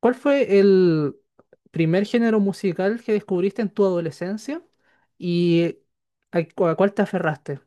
¿Cuál fue el primer género musical que descubriste en tu adolescencia y a cuál te aferraste?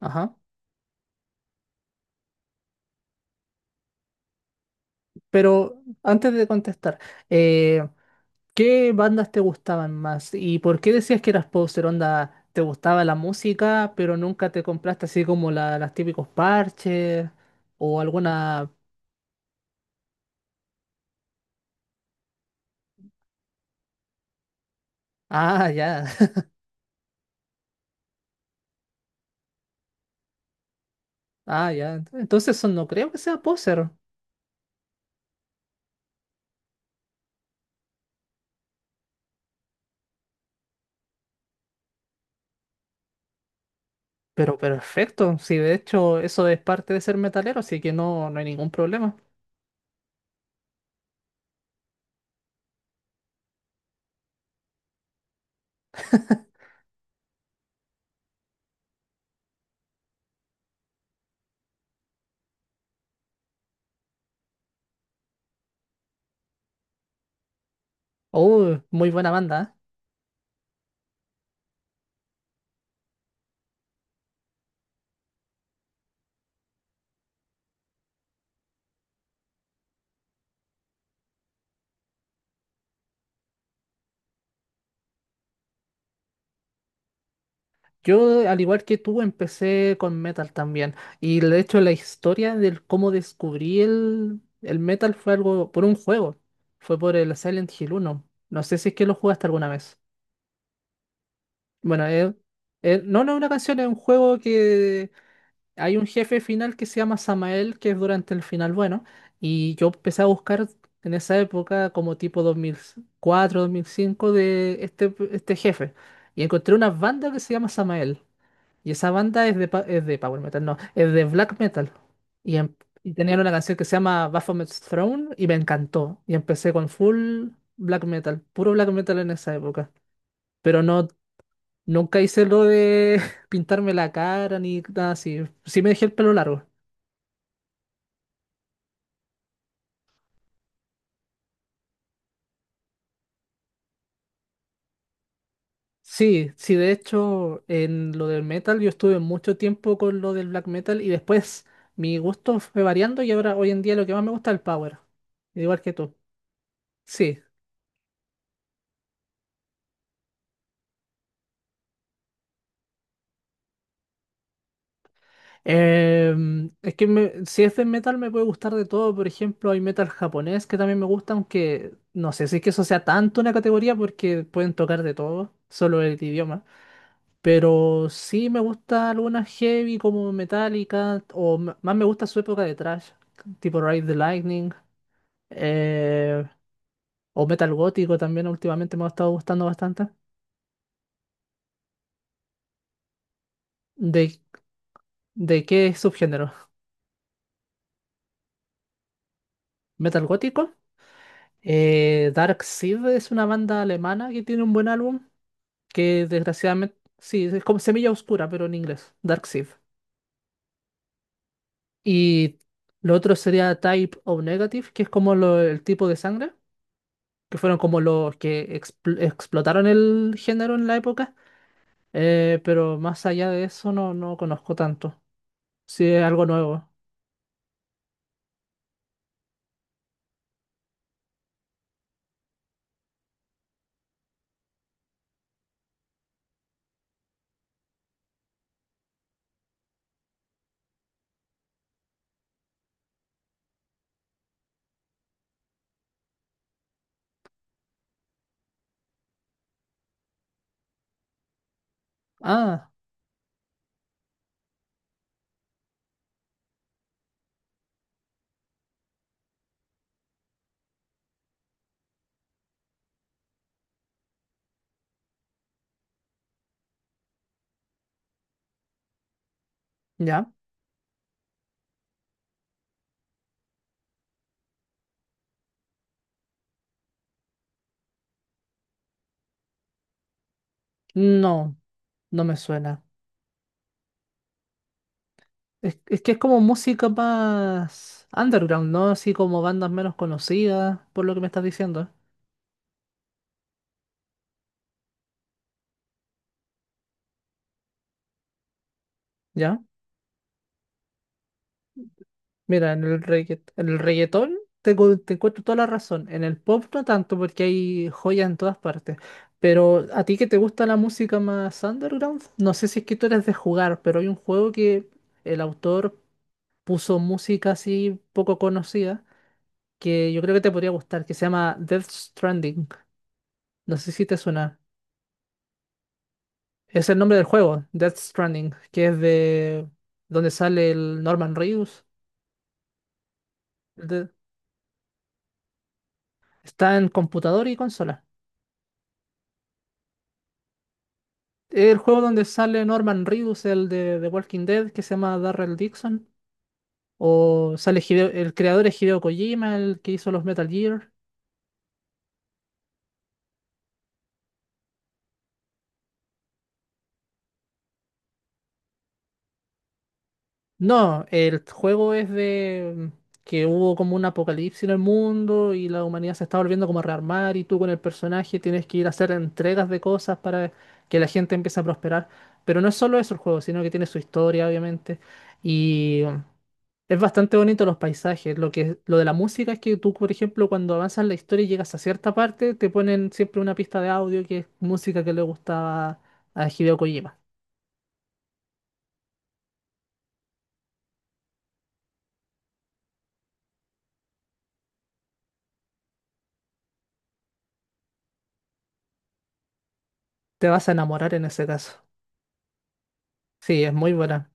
Ajá. Pero antes de contestar, eh, ¿qué bandas te gustaban más y por qué decías que eras poser? Onda, ¿te gustaba la música, pero nunca te compraste así como las típicos parches o alguna. Ah, ya. Ah, ya. Entonces eso no creo que sea poser. Pero perfecto, sí, de hecho eso es parte de ser metalero, así que no, no hay ningún problema. Oh, muy buena banda, ¿eh? Yo, al igual que tú, empecé con metal también. Y de hecho la historia del cómo descubrí el metal fue algo por un juego. Fue por el Silent Hill uno. No sé si es que lo jugaste alguna vez. Bueno, no, no es una canción, es un juego que. Hay un jefe final que se llama Samael, que es durante el final bueno, y yo empecé a buscar en esa época como tipo 2004 2005 de este jefe, y encontré una banda que se llama Samael, y esa banda es es de Power Metal, no, es de Black Metal, y, em- y tenían una canción que se llama Baphomet's Throne, y me encantó, y empecé con full Black Metal, puro Black Metal en esa época, pero no, nunca hice lo de pintarme la cara ni nada así, sí me dejé el pelo largo. Sí, sí, de hecho, en lo del metal yo estuve mucho tiempo con lo del black metal y después mi gusto fue variando y ahora hoy en día lo que más me gusta es el power, igual que tú. Sí, es que si es de metal me puede gustar de todo, por ejemplo, hay metal japonés que también me gusta, aunque no sé si es que eso sea tanto una categoría porque pueden tocar de todo, solo el idioma. Pero sí me gusta algunas heavy como Metallica más me gusta su época de thrash, tipo Ride the Lightning. eh, o metal gótico también últimamente me ha estado gustando bastante. ¿De, de qué subgénero? ¿Metal gótico? Dark Seed es una banda alemana que tiene un buen álbum, que desgraciadamente, sí, es como Semilla Oscura, pero en inglés, Dark Seed. Y lo otro sería Type O Negative, que es como el tipo de sangre, que fueron como los que explotaron el género en la época, pero más allá de eso no, no conozco tanto. Si es algo nuevo. Ah. ¿Ya? No, no me suena. Es que es como música más underground, ¿no? Así como bandas menos conocidas, por lo que me estás diciendo. ¿Ya? Mira, en el reggaetón te encuentro toda la razón. En el pop no tanto, porque hay joyas en todas partes. Pero a ti que te gusta la música más underground, no sé si es que tú eres de jugar, pero hay un juego que el autor puso música así poco conocida, que yo creo que te podría gustar, que se llama Death Stranding. No sé si te suena. Es el nombre del juego, Death Stranding, que es de donde sale el Norman Reedus. el de- Está en computador y consola. El juego donde sale Norman Reedus, el de The Walking Dead, que se llama Darrell Dixon. El creador es Hideo Kojima, el que hizo los Metal Gear. No, el juego es de que hubo como un apocalipsis en el mundo y la humanidad se está volviendo como a rearmar y tú con el personaje tienes que ir a hacer entregas de cosas para que la gente empiece a prosperar. Pero no es solo eso el juego, sino que tiene su historia, obviamente. Y es bastante bonito los paisajes. Lo que, lo de la música es que tú, por ejemplo, cuando avanzas la historia y llegas a cierta parte, te ponen siempre una pista de audio que es música que le gustaba a Hideo Kojima. Te vas a enamorar en ese caso. Sí, es muy buena.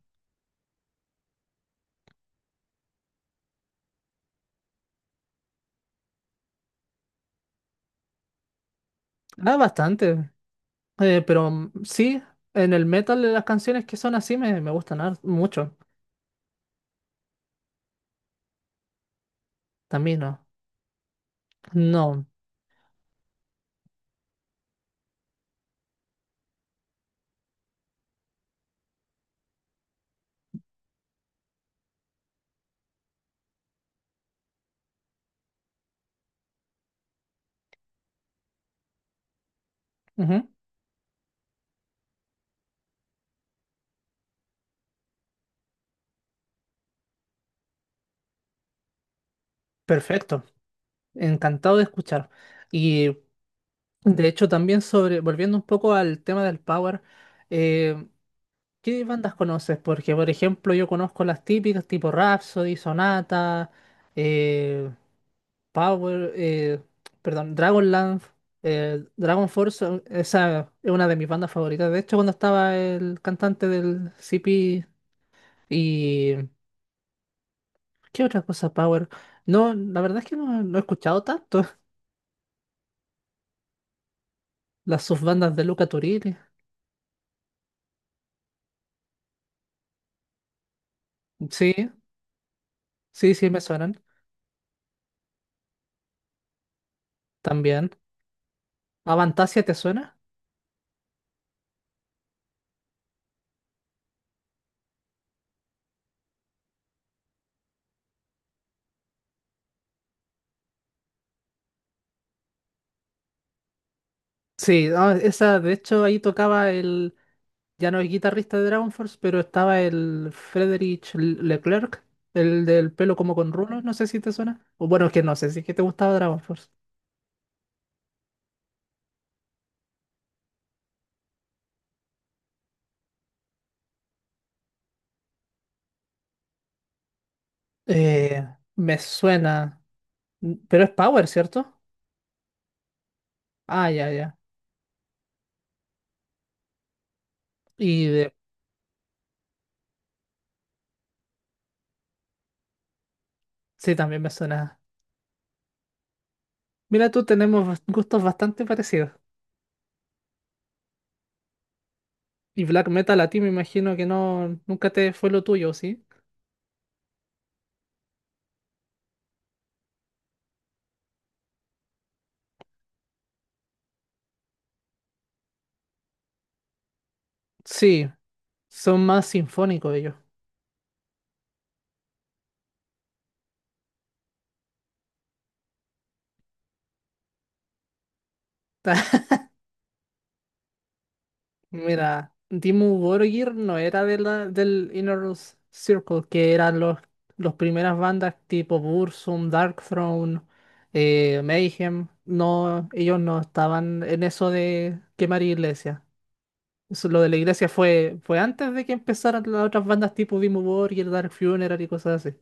Ah, bastante. Pero sí, en el metal las canciones que son así me, me gustan mucho. También no. No. Ujú. Perfecto. Encantado de escuchar. Y de hecho también sobre, volviendo un poco al tema del power, eh, ¿qué bandas conoces? Porque por ejemplo yo conozco las típicas tipo Rhapsody, Sonata, eh, Power, perdón, Dragonlance, Dragon Force, esa es una de mis bandas favoritas. De hecho, cuando estaba el cantante del CP y. ¿Qué otra cosa, Power? No, la verdad es que no, no he escuchado tanto. Las subbandas de Luca Turilli. Sí, sí, sí, me suenan también. ¿Avantasia te suena? Sí, ah, esa, de hecho, ahí tocaba el ya no es guitarrista de Dragon Force, pero estaba el Frédéric Leclerc, el del pelo como con rulos, no sé si te suena. O bueno, es que no sé si es que te gustaba Dragon Force. Eh, Me suena, pero es Power, ¿cierto? Ah, ya, ya. Y de- sí, también me suena. Mira, tú tenemos gustos bastante parecidos. Y black metal a ti me imagino que no, nunca te fue lo tuyo, ¿sí? Sí, son más sinfónicos ellos. Mira, Dimmu Borgir no era de del Inner Circle, que eran los primeras bandas tipo Burzum, Darkthrone, Mayhem. No, ellos no estaban en eso de quemar iglesias. Eso, lo de la iglesia fue antes de que empezaran las otras bandas tipo Dimmu Borgir, Dark Funeral y cosas así.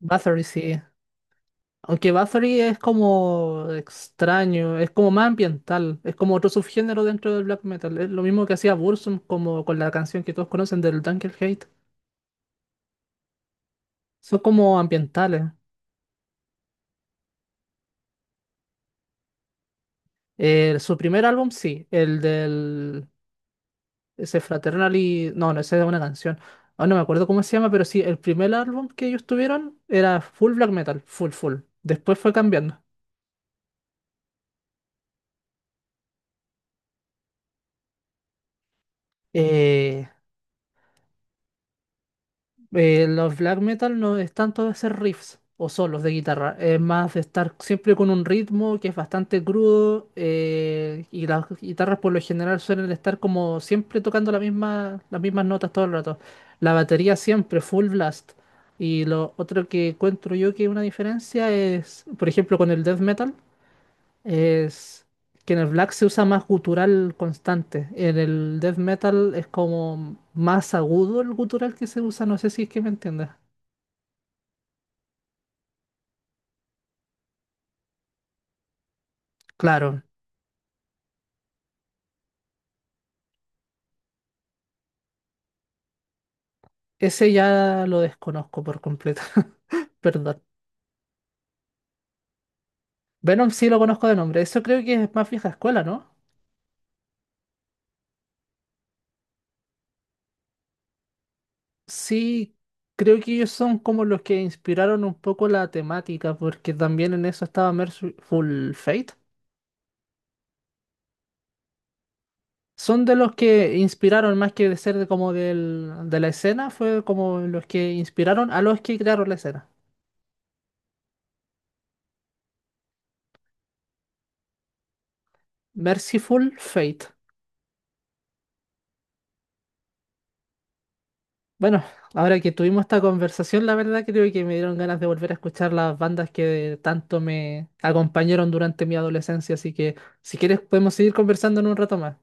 Bathory sí. Aunque Bathory es como extraño, es como más ambiental, es como otro subgénero dentro del black metal. Es lo mismo que hacía Burzum como con la canción que todos conocen del Hate. Son como ambientales. Su primer álbum, sí, el del. Ese Fraternally. No, no, esa es una canción. Ahora no me acuerdo cómo se llama, pero sí, el primer álbum que ellos tuvieron era full black metal, full, full. Después fue cambiando. Eh, los black metal no es tanto de hacer riffs o solos de guitarra, es más de estar siempre con un ritmo que es bastante crudo y las guitarras por lo general suelen estar como siempre tocando la misma, las mismas notas todo el rato. La batería siempre full blast. Y lo otro que encuentro yo que es una diferencia es, por ejemplo, con el death metal. Es que en el black se usa más gutural constante. En el death metal es como más agudo el gutural que se usa. No sé si es que me entiendes. Claro, ese ya lo desconozco por completo. Perdón. Venom sí lo conozco de nombre. Eso creo que es más vieja escuela, ¿no? Sí, creo que ellos son como los que inspiraron un poco la temática, porque también en eso estaba Merciful Fate. Son de los que inspiraron más que de ser de como del, de la escena, fue como los que inspiraron a los que crearon la escena. Merciful Fate. Bueno, ahora que tuvimos esta conversación, la verdad creo que me dieron ganas de volver a escuchar las bandas que tanto me acompañaron durante mi adolescencia, así que si quieres podemos seguir conversando en un rato más.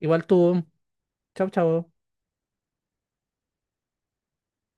Igual tú. Chao, chao.